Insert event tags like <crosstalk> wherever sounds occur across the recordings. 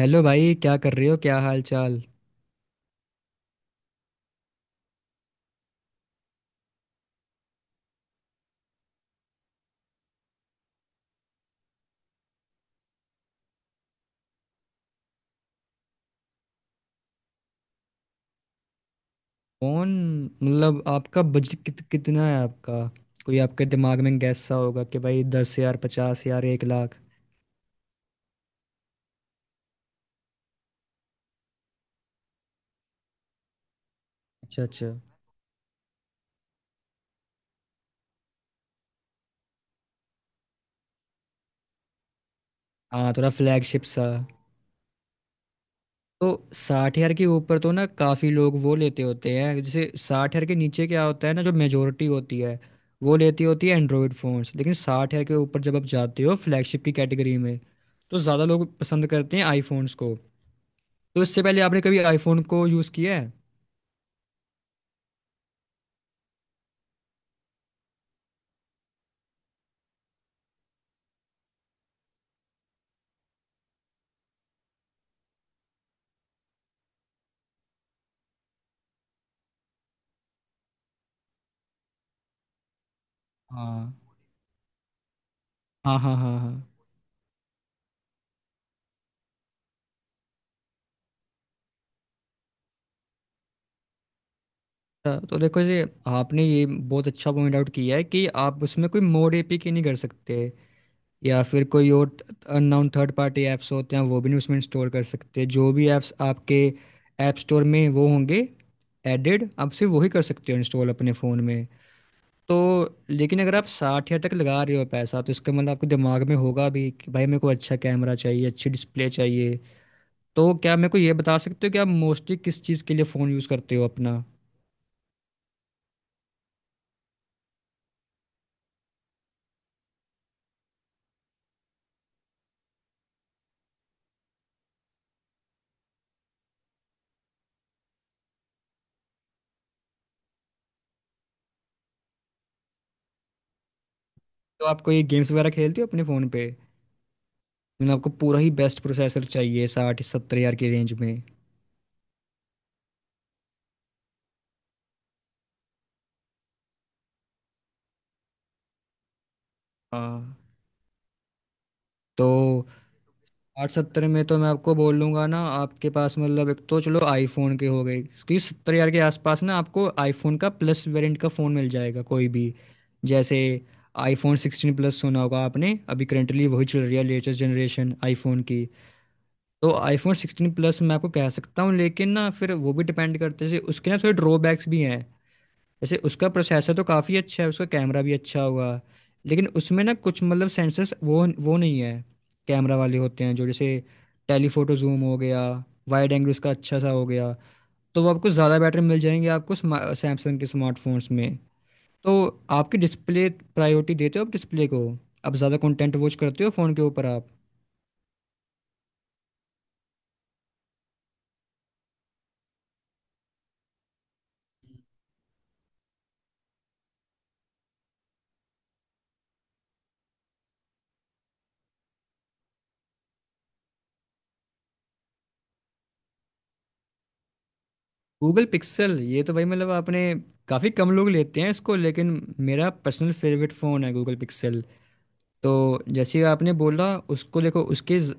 Hello भाई, क्या कर रहे हो? क्या हाल चाल? कौन। मतलब आपका बजट कितना है आपका? कोई आपके दिमाग में गैस सा होगा कि भाई 10,000, 50,000, 1,00,000। अच्छा अच्छा। हाँ, थोड़ा फ्लैगशिप सा। तो 60,000 के ऊपर तो ना काफ़ी लोग वो लेते होते हैं। जैसे 60,000 के नीचे क्या होता है ना, जो मेजोरिटी होती है वो लेती होती है एंड्रॉयड फ़ोन्स। लेकिन 60,000 के ऊपर जब आप जाते हो फ्लैगशिप की कैटेगरी में, तो ज़्यादा लोग पसंद करते हैं आईफोन्स को। तो इससे पहले आपने कभी आईफोन को यूज़ किया है? हाँ, हाँ, हाँ, हाँ, हाँ। तो देखो जी, आपने ये बहुत अच्छा पॉइंट आउट किया है कि आप उसमें कोई मोड एपीके नहीं कर सकते, या फिर कोई और अननोन थर्ड पार्टी ऐप्स होते हैं वो भी नहीं उसमें इंस्टॉल कर सकते। जो भी ऐप्स आपके ऐप स्टोर में वो होंगे एडेड, आप सिर्फ वही कर सकते हो इंस्टॉल अपने फ़ोन में। तो लेकिन अगर आप 60,000 तक लगा रहे हो पैसा, तो इसका मतलब आपके दिमाग में होगा भी कि भाई मेरे को अच्छा कैमरा चाहिए, अच्छी डिस्प्ले चाहिए। तो क्या मेरे को ये बता सकते हो कि आप मोस्टली किस चीज़ के लिए फ़ोन यूज़ करते हो अपना? तो आपको ये गेम्स वगैरह खेलते हो अपने फ़ोन पे? मतलब आपको पूरा ही बेस्ट प्रोसेसर चाहिए 60-70 हज़ार की रेंज में। हाँ। तो 60-70 में तो मैं आपको बोल लूँगा ना आपके पास, मतलब एक तो चलो आईफ़ोन के हो गए क्योंकि 70 हज़ार के आसपास ना आपको आईफ़ोन का प्लस वेरिएंट का फ़ोन मिल जाएगा कोई भी। जैसे आईफ़ोन 16 प्लस सुना होगा आपने, अभी करंटली वही चल रही है लेटेस्ट जनरेशन आईफ़ोन की। तो आईफ़ोन 16 प्लस मैं आपको कह सकता हूँ, लेकिन ना फिर वो भी डिपेंड करता है। जैसे उसके ना थोड़े ड्रॉबैक्स भी हैं। जैसे उसका प्रोसेसर तो काफ़ी अच्छा है, उसका कैमरा भी अच्छा होगा। लेकिन उसमें ना कुछ मतलब सेंसर्स वो नहीं है कैमरा वाले होते हैं, जो जैसे टेलीफोटो जूम हो गया, वाइड एंगल उसका अच्छा सा हो गया। तो वो आपको ज़्यादा बेटर मिल जाएंगे आपको सैमसंग के स्मार्टफोन्स में। तो आपकी डिस्प्ले, प्रायोरिटी देते हो आप डिस्प्ले को? आप ज़्यादा कंटेंट वॉच करते हो फ़ोन के ऊपर आप? Google Pixel. ये तो भाई मतलब आपने, काफ़ी कम लोग लेते हैं इसको, लेकिन मेरा पर्सनल फेवरेट फ़ोन है गूगल पिक्सल। तो जैसे आपने बोला उसको, देखो उसके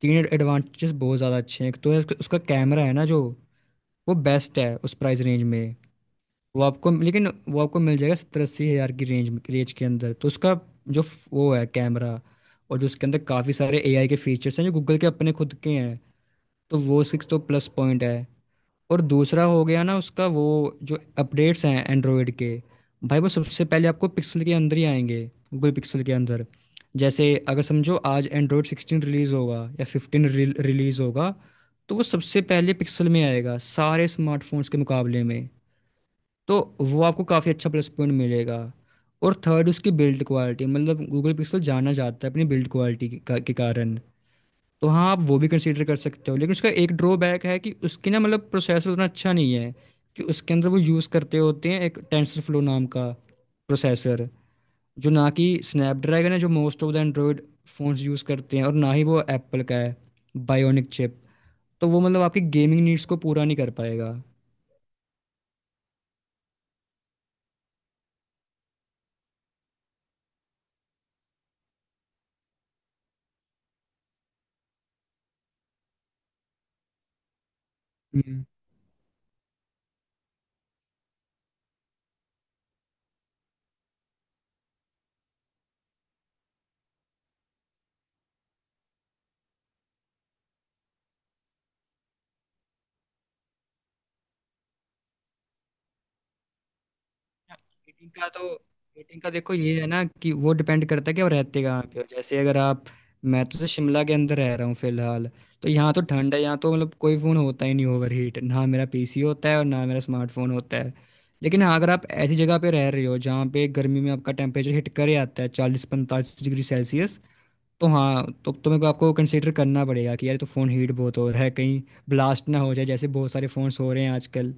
तीन एडवांटेजेस बहुत ज़्यादा अच्छे हैं। एक तो है उसका उसका कैमरा है ना जो, वो बेस्ट है उस प्राइस रेंज में। वो आपको, लेकिन वो आपको मिल जाएगा 70-80,000 की रेंज में- रेंज के अंदर। तो उसका जो वो है कैमरा। और जो उसके अंदर काफ़ी सारे एआई के फीचर्स हैं जो गूगल के अपने खुद के हैं। तो वो सिक्स तो प्लस पॉइंट है। और दूसरा हो गया ना उसका वो, जो अपडेट्स हैं एंड्रॉयड के, भाई वो सबसे पहले आपको पिक्सल के अंदर ही आएंगे, गूगल पिक्सल के अंदर। जैसे अगर समझो आज एंड्रॉयड 16 रिलीज़ होगा या 15 रिलीज़ होगा, तो वो सबसे पहले पिक्सल में आएगा सारे स्मार्टफोन्स के मुकाबले में। तो वो आपको काफ़ी अच्छा प्लस पॉइंट मिलेगा। और थर्ड उसकी बिल्ड क्वालिटी, मतलब गूगल पिक्सल जाना जाता है अपनी बिल्ड क्वालिटी के के कारण। तो हाँ, आप वो भी कंसीडर कर सकते हो। लेकिन उसका एक ड्रॉबैक है कि उसकी ना मतलब प्रोसेसर उतना अच्छा नहीं है, कि उसके अंदर वो यूज़ करते होते हैं एक टेंसर फ्लो नाम का प्रोसेसर, जो ना कि स्नैपड्रैगन है जो most of the Android phones use करते हैं, और ना ही वो एप्पल का है बायोनिक चिप। तो वो मतलब आपकी गेमिंग नीड्स को पूरा नहीं कर पाएगा। मीटिंग का तो, मीटिंग का देखो ये है ना, कि वो डिपेंड करता है कि आप रहते कहाँ पे हो। जैसे अगर आप, मैं तो से शिमला के अंदर रह रहा हूँ फिलहाल। तो यहाँ तो ठंड है, यहाँ तो मतलब कोई फ़ोन होता ही नहीं ओवर हीट। ना मेरा पीसी होता है और ना मेरा स्मार्टफोन होता है। लेकिन हाँ, अगर आप ऐसी जगह पे रह रहे हो जहाँ पे गर्मी में आपका टेम्परेचर हिट करे आता है 40-45 डिग्री सेल्सियस, तो हाँ, तो तुम्हें को आपको कंसिडर करना पड़ेगा कि यार ये तो फ़ोन हीट बहुत हो रहा है, कहीं ब्लास्ट ना हो जाए। जैसे बहुत सारे फ़ोन्स हो रहे हैं आजकल।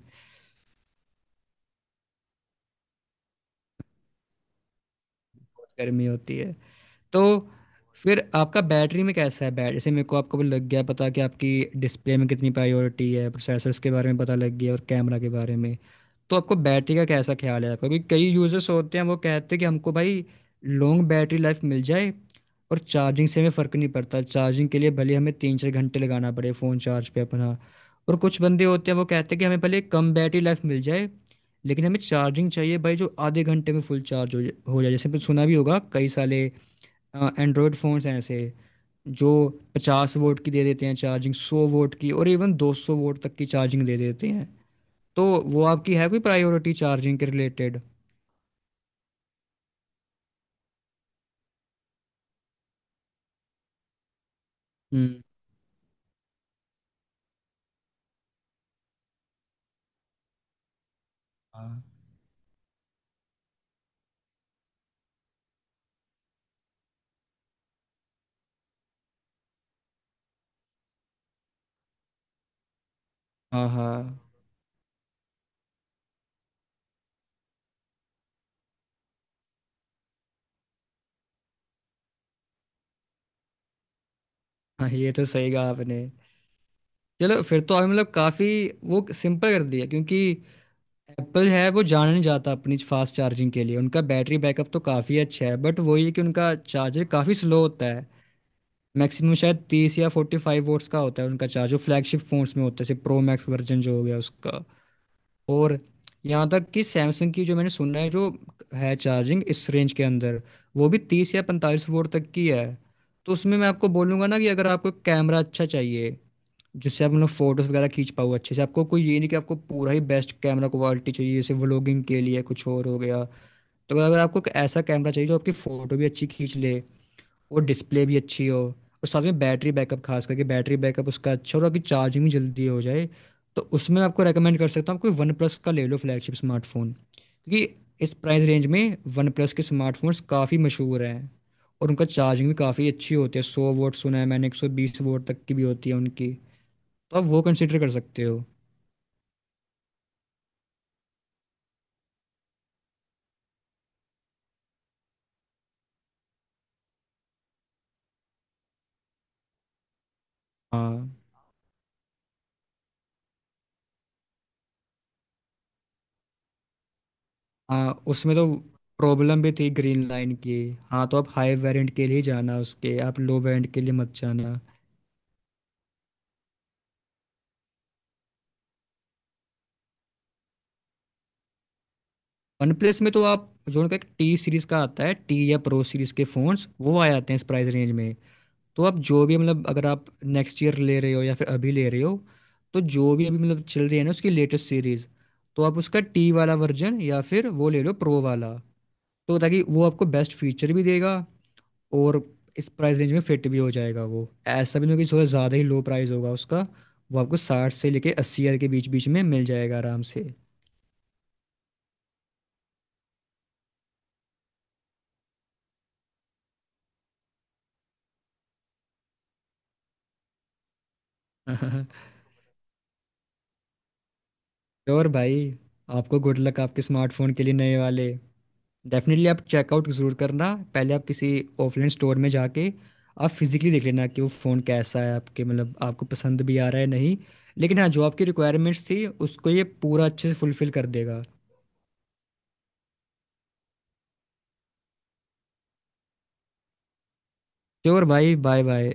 बहुत गर्मी होती है। तो फिर आपका बैटरी में कैसा है बैटरी? जैसे मेरे को आपको लग गया पता कि आपकी डिस्प्ले में कितनी प्रायोरिटी है, प्रोसेसर्स के बारे में पता लग गया, और कैमरा के बारे में। तो आपको बैटरी का कैसा ख्याल है आपका? क्योंकि कई यूजर्स होते हैं वो कहते हैं कि हमको भाई लॉन्ग बैटरी लाइफ मिल जाए, और चार्जिंग से हमें फ़र्क नहीं पड़ता। चार्जिंग के लिए भले हमें 3-4 घंटे लगाना पड़े फ़ोन चार्ज पे अपना। और कुछ बंदे होते हैं वो कहते हैं कि हमें भले कम बैटरी लाइफ मिल जाए, लेकिन हमें चार्जिंग चाहिए भाई, जो आधे घंटे में फुल चार्ज हो जाए। जैसे आपने सुना भी होगा कई सारे एंड्रॉयड फ़ोन्स हैं ऐसे जो 50 वोट की दे देते हैं चार्जिंग, 100 वोट की, और इवन 200 वोट तक की चार्जिंग दे देते हैं। तो वो आपकी है कोई प्रायोरिटी चार्जिंग के रिलेटेड? हम्म। हाँ, हाँ, हाँ, हाँ, ये तो सही कहा आपने। चलो फिर तो आपने मतलब काफ़ी वो सिंपल कर दिया, क्योंकि एप्पल है, वो जाना नहीं जाता अपनी फास्ट चार्जिंग के लिए। उनका बैटरी बैकअप तो काफ़ी अच्छा है, बट वही है कि उनका चार्जर काफ़ी स्लो होता है। मैक्सिमम शायद 30 या 45 वोट्स का होता है उनका चार्ज, जो फ्लैगशिप फोन्स में होता है जैसे प्रो मैक्स वर्जन जो हो गया उसका। और यहाँ तक कि सैमसंग की जो मैंने सुना है, जो है चार्जिंग इस रेंज के अंदर, वो भी 30 या 45 वोल्ट तक की है। तो उसमें मैं आपको बोलूँगा ना कि अगर आपको कैमरा अच्छा चाहिए जिससे आप मतलब फोटोज़ वगैरह खींच पाओ अच्छे से, आपको कोई ये नहीं कि आपको पूरा ही बेस्ट कैमरा क्वालिटी चाहिए जैसे व्लॉगिंग के लिए कुछ और हो गया। तो अगर आपको एक ऐसा कैमरा चाहिए जो आपकी फ़ोटो भी अच्छी खींच ले, और डिस्प्ले भी अच्छी हो, और साथ में बैटरी बैकअप, खास करके बैटरी बैकअप उसका अच्छा हो, और आपकी चार्जिंग भी जल्दी हो जाए, तो उसमें मैं आपको रेकमेंड कर सकता हूँ आप कोई वन प्लस का ले लो फ्लैगशिप स्मार्टफोन। क्योंकि इस प्राइस रेंज में वन प्लस के स्मार्टफोन्स काफ़ी मशहूर हैं, और उनका चार्जिंग भी काफ़ी अच्छी होती है। 100 वोट सुना है मैंने, 120 वोट तक की भी होती है उनकी। तो आप वो कंसिडर कर सकते हो। हाँ। हाँ, उसमें तो प्रॉब्लम भी थी ग्रीन लाइन की। हाँ, तो आप हाई वेरिएंट के लिए जाना, उसके आप लो वेरिएंट के लिए मत जाना। वनप्लस में तो आप जो उनका एक टी सीरीज का आता है, टी या प्रो सीरीज के फोन्स वो आ जाते हैं इस प्राइस रेंज में। तो आप जो भी मतलब, अगर आप नेक्स्ट ईयर ले रहे हो या फिर अभी ले रहे हो, तो जो भी अभी मतलब चल रही है ना उसकी लेटेस्ट सीरीज, तो आप उसका टी वाला वर्जन या फिर वो ले लो प्रो वाला। तो ताकि वो आपको बेस्ट फीचर भी देगा, और इस प्राइस रेंज में फिट भी हो जाएगा, वो ऐसा भी नहीं होगा कि थोड़ा ज़्यादा ही लो प्राइस होगा उसका। वो आपको 60 से लेके 80,000 के बीच बीच में मिल जाएगा आराम से। <laughs> श्योर भाई। आपको गुड लक आपके स्मार्टफोन के लिए, नए वाले। डेफिनेटली आप चेकआउट ज़रूर करना, पहले आप किसी ऑफलाइन स्टोर में जाके आप फिजिकली देख लेना कि वो फ़ोन कैसा है आपके, मतलब आपको पसंद भी आ रहा है नहीं। लेकिन हाँ, जो आपकी रिक्वायरमेंट्स थी उसको ये पूरा अच्छे से फुलफिल कर देगा। श्योर भाई, बाय बाय।